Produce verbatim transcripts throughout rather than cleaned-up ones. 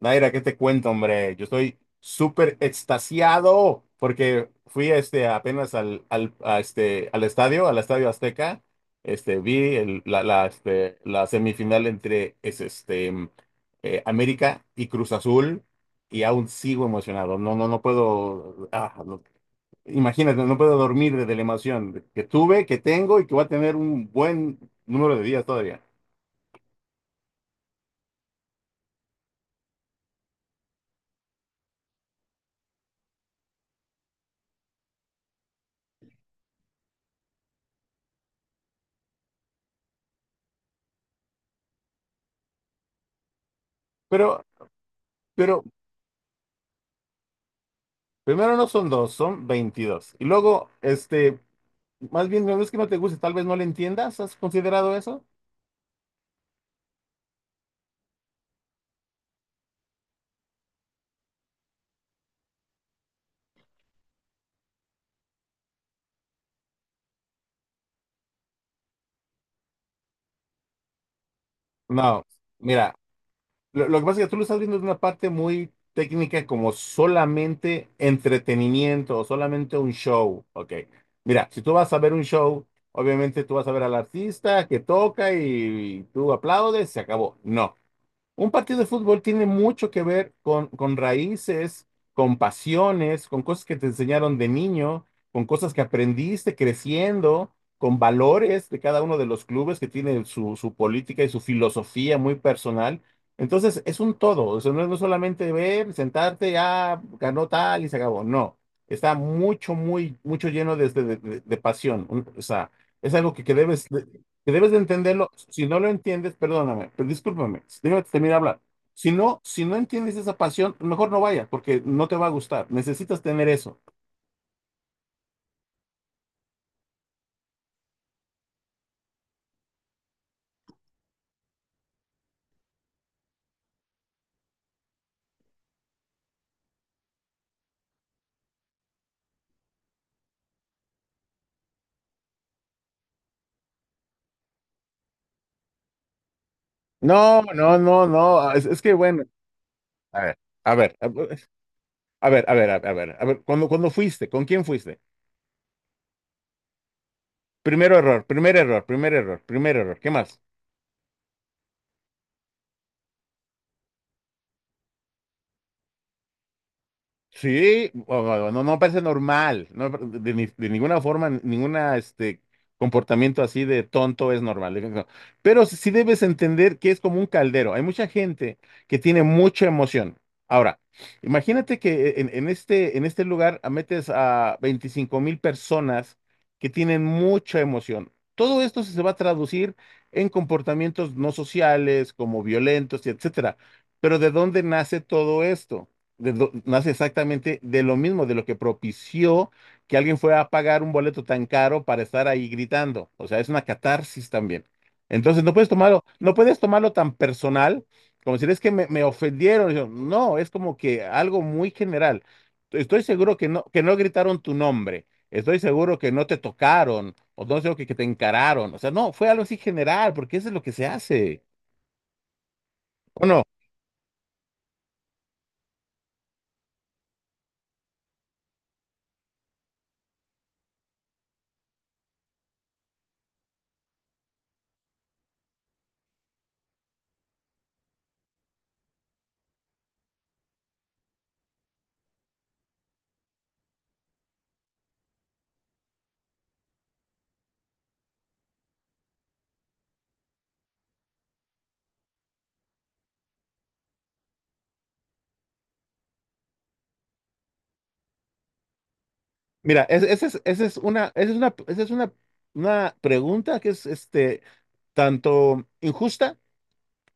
Naira, ¿qué te cuento, hombre? Yo estoy súper extasiado porque fui este, apenas al, al, a este, al estadio, al Estadio Azteca. Este, vi el- la, la, este, la semifinal entre es, este, eh, América y Cruz Azul y aún sigo emocionado. No, no, no puedo, ah, no- imagínate, no puedo dormir de la emoción que tuve, que tengo y que voy a tener un buen número de días todavía. Pero, pero primero no son dos, son veintidós. Y luego, este, más bien, no es que no te guste, tal vez no le entiendas, ¿has considerado eso? No, mira, lo, lo que pasa es que tú lo estás viendo de una parte muy técnica como solamente entretenimiento o solamente un show, ¿ok? Mira, si tú vas a ver un show, obviamente tú vas a ver al artista que toca y tú aplaudes, se acabó. No, un partido de fútbol tiene mucho que ver con, con raíces, con pasiones, con cosas que te enseñaron de niño, con cosas que aprendiste creciendo, con valores de cada uno de los clubes que tiene su, su política y su filosofía muy personal. Entonces, es un todo, o sea, no es no solamente ver, sentarte, ah, ganó tal y se acabó. No, está mucho, muy, mucho lleno de, de, de- de pasión. Un- O sea, es algo que, que debes, que debes de entenderlo. Si no lo entiendes, perdóname, pero discúlpame, déjame terminar de hablar. Si no, si no entiendes esa pasión, mejor no vayas, porque no te va a gustar. Necesitas tener eso. No, no, no, no. Es, es que bueno, a ver, a ver, a ver, a ver, a ver, a ver, a ver, cuando, cuando fuiste, ¿con quién fuiste? Primero error, primer error, primer error, primer error. ¿Qué más? Sí, bueno, no, no parece normal, no, de, ni- de ninguna forma, ninguna este comportamiento así de tonto es normal. De- no. Pero sí debes entender que es como un caldero. Hay mucha gente que tiene mucha emoción. Ahora, imagínate que eh, en, en este, en este lugar metes a veinticinco mil personas que tienen mucha emoción. Todo esto se va a traducir en comportamientos no sociales, como violentos, y etcétera. Pero ¿de dónde nace todo esto? De do- nace exactamente de lo mismo, de lo que propició que alguien fuera a pagar un boleto tan caro para estar ahí gritando. O sea, es una catarsis también. Entonces, no puedes tomarlo, no puedes tomarlo tan personal, como decir, es que me, me ofendieron. Yo, no, es como que algo muy general. Estoy seguro que no, que no gritaron tu nombre. Estoy seguro que no te tocaron, o no sé, o que, que te encararon. O sea, no, fue algo así general, porque eso es lo que se hace. ¿O no? Mira, es- esa es, esa es una, esa es una, esa es una, una pregunta que es este, tanto injusta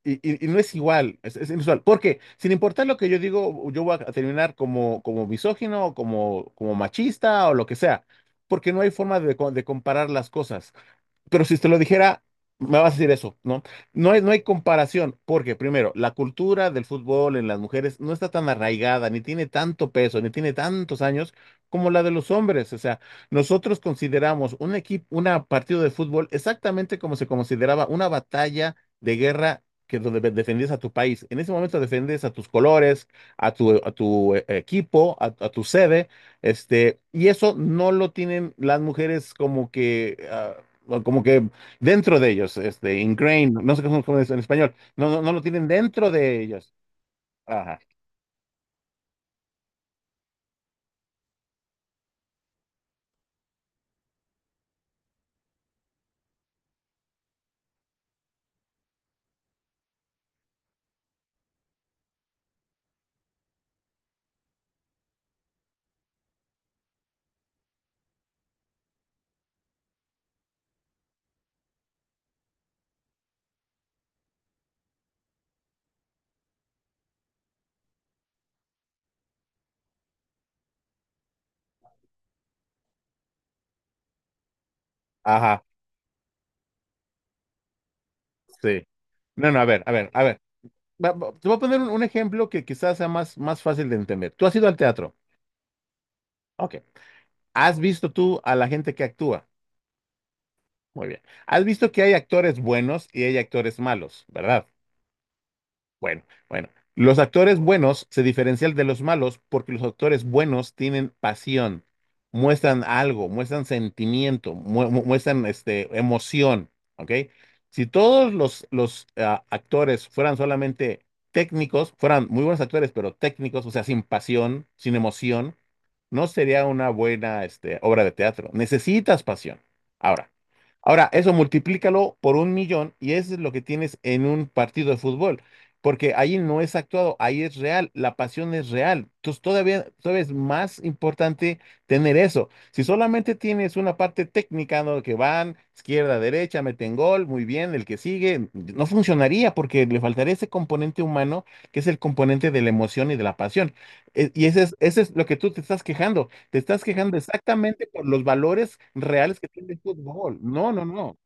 y, y- y- no es igual, es, es inusual. Porque sin importar lo que yo digo, yo voy a terminar como, como misógino, como, como machista o lo que sea, porque no hay forma de, co- de comparar las cosas, pero si te lo dijera, me vas a decir eso, ¿no? No hay, no hay comparación, porque primero, la cultura del fútbol en las mujeres no está tan arraigada, ni tiene tanto peso, ni tiene tantos años como la de los hombres. O sea, nosotros consideramos un equipo, una partido de fútbol exactamente como se consideraba una batalla de guerra que donde ve- defendías a tu país. En ese momento defendías a tus colores, a tu, a tu eh, equipo, a, a tu sede, este, y eso no lo tienen las mujeres como que ah, o como que dentro de ellos, este, ingrained, no no sé cómo cómo es en español, no, no, no lo tienen dentro de ellos. Ajá, ajá, sí. No, no, a ver, a ver, a ver. Va- va- Te voy a poner un, un ejemplo que quizás sea más, más fácil de entender. Tú has ido al teatro. Ok. ¿Has visto tú a la gente que actúa? Muy bien. ¿Has visto que hay actores buenos y hay actores malos, verdad? Bueno, bueno. Los actores buenos se diferencian de los malos porque los actores buenos tienen pasión, muestran algo, muestran sentimiento, mu- mu- muestran este, emoción, ¿ok? Si todos los, los ah, actores fueran solamente técnicos, fueran muy buenos actores, pero técnicos, o sea, sin pasión, sin emoción, no sería una buena este, obra de teatro. Necesitas pasión. Ahora, ahora, eso multiplícalo por un millón y eso es lo que tienes en un partido de fútbol. Porque ahí no es actuado, ahí es real, la pasión es real. Entonces todavía, todavía es más importante tener eso. Si solamente tienes una parte técnica, ¿no? Que van izquierda, derecha, meten gol, muy bien, el que sigue, no funcionaría porque le faltaría ese componente humano que es el componente de la emoción y de la pasión. E- y ese es, ese es lo que tú te estás quejando. Te estás quejando exactamente por los valores reales que tiene el fútbol. No, no, no.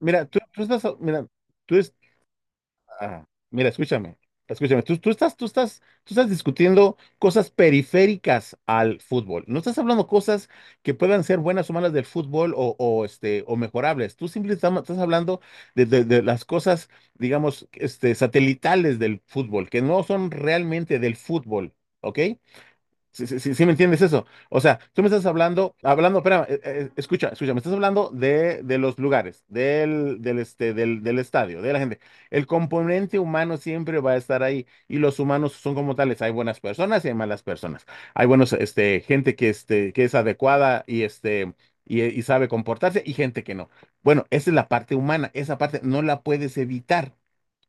Mira, tú, tú estás, mira, tú, es- ah, mira, escúchame, escúchame, tú, tú estás, tú estás, tú estás discutiendo cosas periféricas al fútbol. No estás hablando cosas que puedan ser buenas o malas del fútbol o, o, este, o mejorables. Tú simplemente estás, estás hablando de, de- de las cosas, digamos, este, satelitales del fútbol, que no son realmente del fútbol, ¿ok? ¿Sí, sí, sí- sí me entiendes eso? O sea, tú me estás hablando, hablando, espera, eh, eh, escucha, escucha, me estás hablando de, de los lugares, del, del, este, del, del estadio, de la gente. El componente humano siempre va a estar ahí y los humanos son como tales. Hay buenas personas y hay malas personas. Hay buenos, este, gente que, este, que es adecuada y, este, y, y sabe comportarse y gente que no. Bueno, esa es la parte humana, esa parte no la puedes evitar.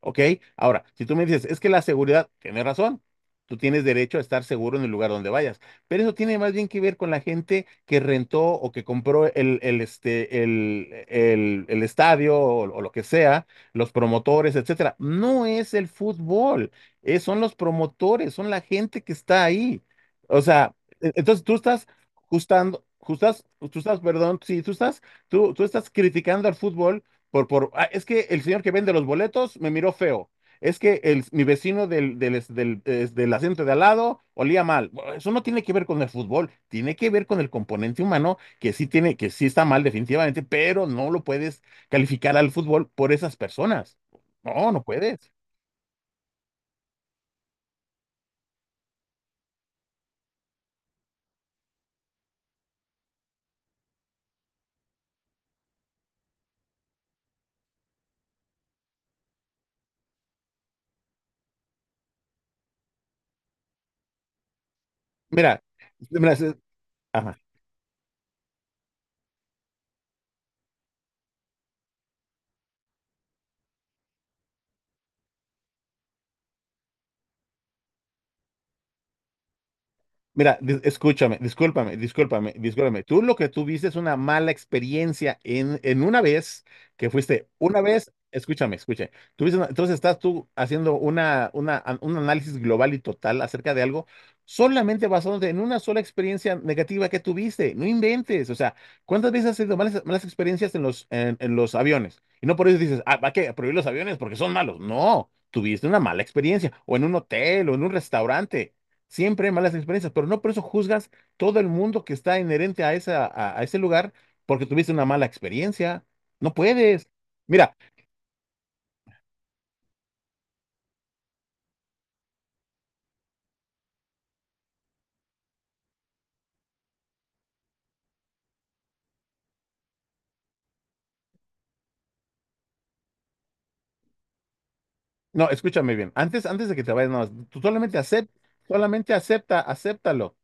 ¿Ok? Ahora, si tú me dices, es que la seguridad, tiene razón. Tú tienes derecho a estar seguro en el lugar donde vayas. Pero eso tiene más bien que ver con la gente que rentó o que compró el, el, este, el, el- el estadio o, o lo que sea, los promotores, etcétera. No es el fútbol, eh, son los promotores, son la gente que está ahí. O sea, e- entonces tú estás justando, justas, tú estás, perdón, sí, tú estás, tú, tú estás criticando al fútbol por, por, "Ah, es que el señor que vende los boletos me miró feo, es que el, mi vecino del, del, del, es del asiento de al lado olía mal". Bueno, eso no tiene que ver con el fútbol, tiene que ver con el componente humano que sí tiene, que sí está mal definitivamente, pero no lo puedes calificar al fútbol por esas personas. No, no puedes. Mira, mira, se- ajá. Mira, di- escúchame, discúlpame, discúlpame, discúlpame. Tú lo que tuviste es una mala experiencia en, en una vez que fuiste, una vez, escúchame, escúchame. Tuviste una- entonces estás tú haciendo una, una, an- un análisis global y total acerca de algo solamente basándote en una sola experiencia negativa que tuviste. No inventes. O sea, ¿cuántas veces has tenido malas, malas experiencias en los, en, en los aviones? Y no por eso dices, ah, ¿va qué? Prohibir los aviones porque son malos. No, tuviste una mala experiencia o en un hotel o en un restaurante. Siempre hay malas experiencias, pero no por eso juzgas todo el mundo que está inherente a esa, a, a ese lugar porque tuviste una mala experiencia. No puedes. Mira, no, escúchame bien. Antes, antes de que te vayas, nada más, tú solamente acepta, solamente acepta, acéptalo.